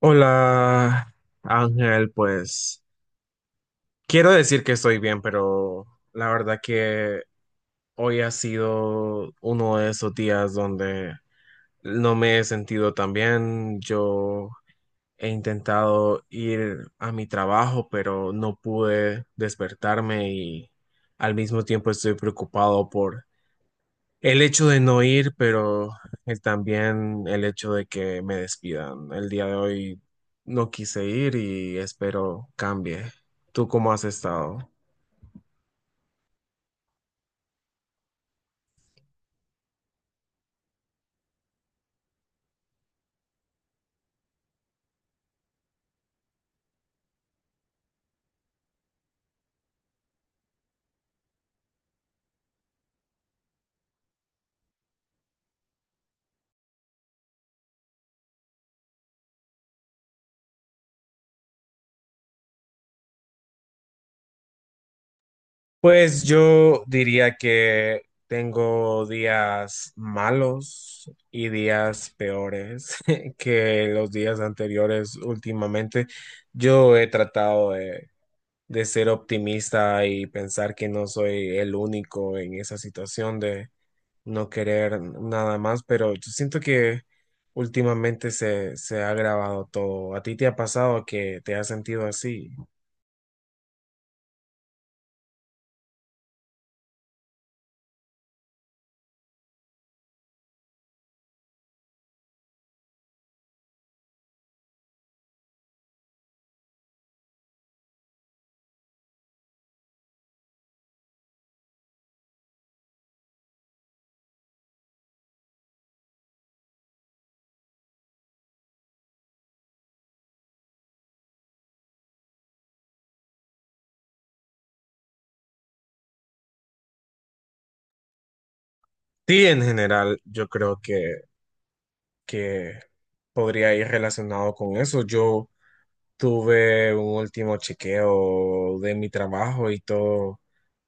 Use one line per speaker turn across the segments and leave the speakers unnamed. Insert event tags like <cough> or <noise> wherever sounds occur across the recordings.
Hola, Ángel, pues quiero decir que estoy bien, pero la verdad que hoy ha sido uno de esos días donde no me he sentido tan bien. Yo he intentado ir a mi trabajo, pero no pude despertarme y al mismo tiempo estoy preocupado por el hecho de no ir, pero también el hecho de que me despidan. El día de hoy no quise ir y espero cambie. ¿Tú cómo has estado? Pues yo diría que tengo días malos y días peores <laughs> que los días anteriores últimamente. Yo he tratado de ser optimista y pensar que no soy el único en esa situación de no querer nada más, pero yo siento que últimamente se ha agravado todo. ¿A ti te ha pasado que te has sentido así? Sí, en general, yo creo que podría ir relacionado con eso. Yo tuve un último chequeo de mi trabajo y todo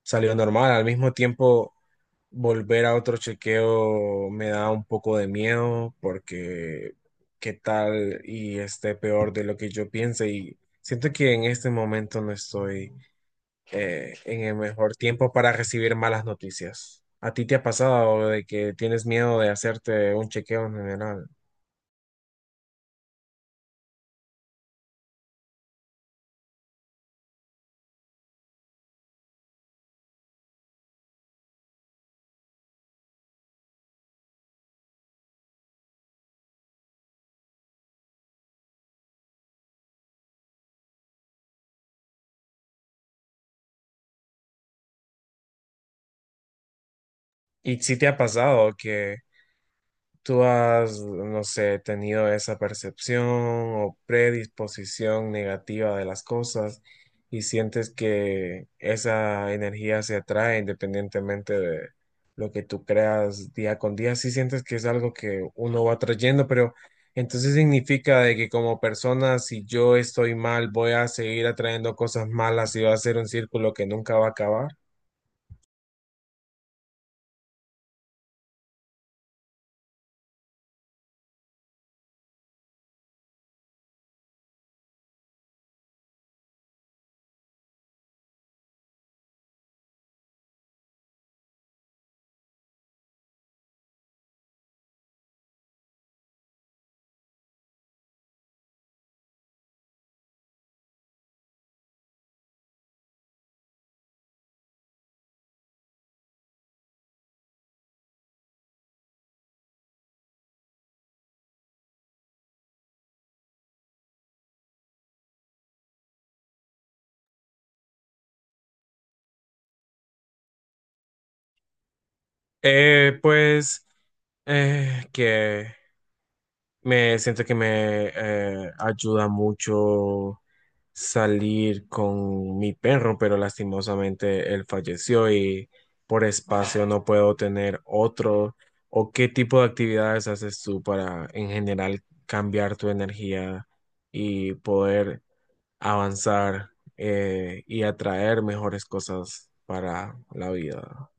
salió normal. Al mismo tiempo, volver a otro chequeo me da un poco de miedo porque qué tal y esté peor de lo que yo piense y siento que en este momento no estoy en el mejor tiempo para recibir malas noticias. ¿A ti te ha pasado de que tienes miedo de hacerte un chequeo en general? ¿Y si te ha pasado que ¿Tú has, no sé, tenido esa percepción o predisposición negativa de las cosas y sientes que esa energía se atrae independientemente de lo que tú creas día con día? Sí sientes que es algo que uno va trayendo, pero entonces significa de que como persona, si yo estoy mal, voy a seguir atrayendo cosas malas y va a ser un círculo que nunca va a acabar. Pues que Me siento que me ayuda mucho salir con mi perro, pero lastimosamente él falleció y por espacio no puedo tener otro. ¿O qué tipo de actividades haces tú para en general cambiar tu energía y poder avanzar y atraer mejores cosas para la vida?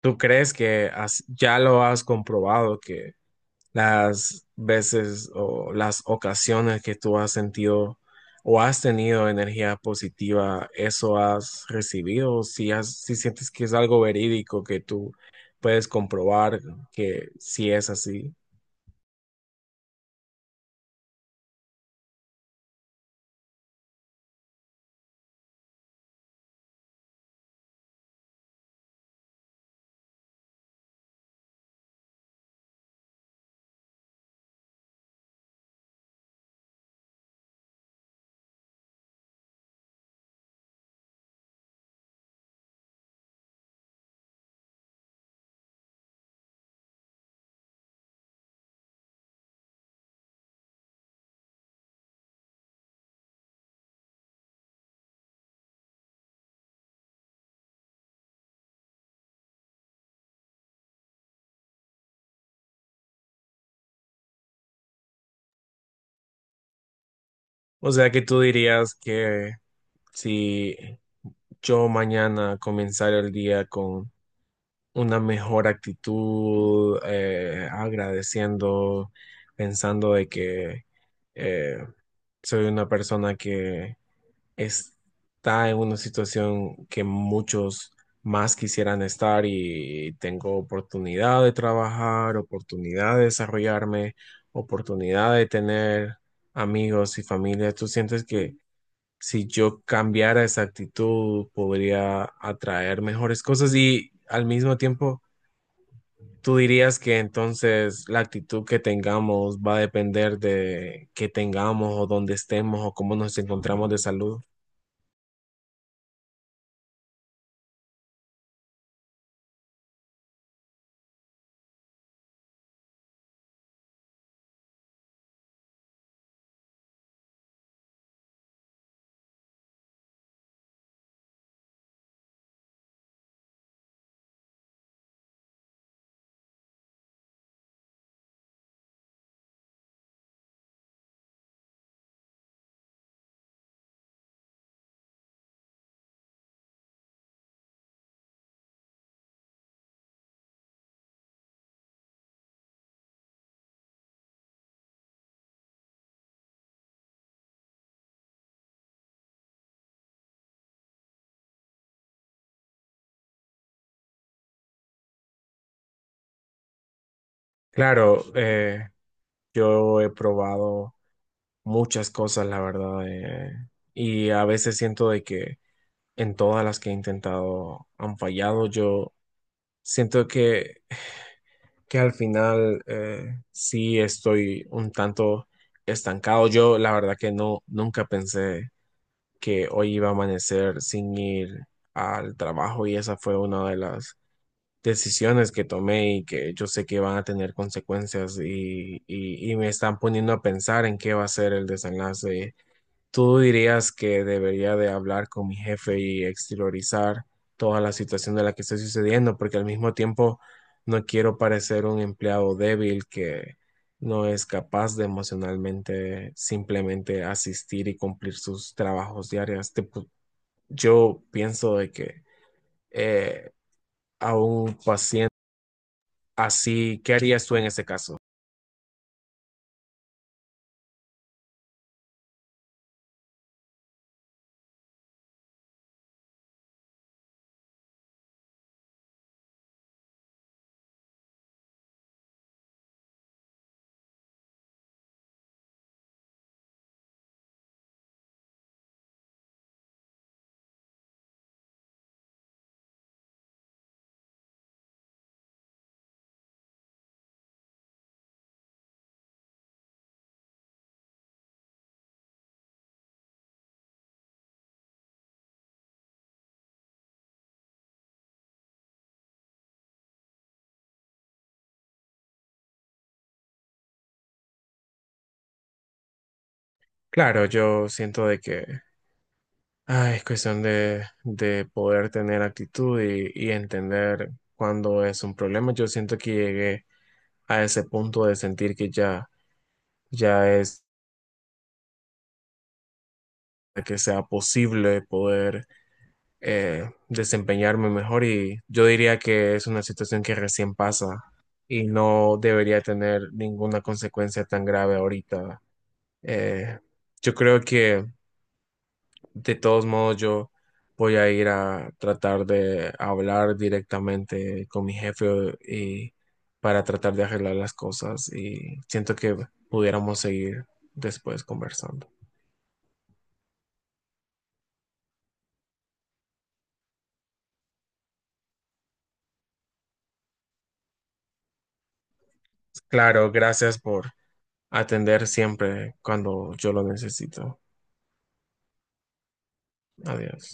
¿Tú crees que ya lo has comprobado las veces o las ocasiones que tú has sentido o has tenido energía positiva, eso has recibido, si has, si sientes que es algo verídico que tú puedes comprobar que si es así? O sea que tú dirías que si yo mañana comenzara el día con una mejor actitud, agradeciendo, pensando de que eh, soy una persona que está en una situación que muchos más quisieran estar y tengo oportunidad de trabajar, oportunidad de desarrollarme, oportunidad de tener amigos y familia. ¿Tú sientes que si yo cambiara esa actitud podría atraer mejores cosas y al mismo tiempo... ¿Tú dirías que entonces la actitud que tengamos va a depender de qué tengamos o dónde estemos o cómo nos encontramos de salud? Claro, yo he probado muchas cosas, la verdad, y a veces siento de que en todas las que he intentado han fallado. Yo siento que al final sí estoy un tanto estancado. Yo la verdad que no, nunca pensé que hoy iba a amanecer sin ir al trabajo y esa fue una de las decisiones que tomé y que yo sé que van a tener consecuencias y me están poniendo a pensar en qué va a ser el desenlace. ¿Tú dirías que debería de hablar con mi jefe y exteriorizar toda la situación de la que está sucediendo? Porque al mismo tiempo no quiero parecer un empleado débil que no es capaz de emocionalmente simplemente asistir y cumplir sus trabajos diarios. Te yo pienso de que eh, a un paciente así, ¿qué harías tú en ese caso? Claro, yo siento de que ay, es cuestión de poder tener actitud y entender cuándo es un problema. Yo siento que llegué a ese punto de sentir que ya es que sea posible poder desempeñarme mejor y yo diría que es una situación que recién pasa y no debería tener ninguna consecuencia tan grave ahorita. Eh, yo creo que de todos modos, yo voy a ir a tratar de hablar directamente con mi jefe y para tratar de arreglar las cosas y siento que pudiéramos seguir después conversando. Claro, gracias por atender siempre cuando yo lo necesito. Adiós.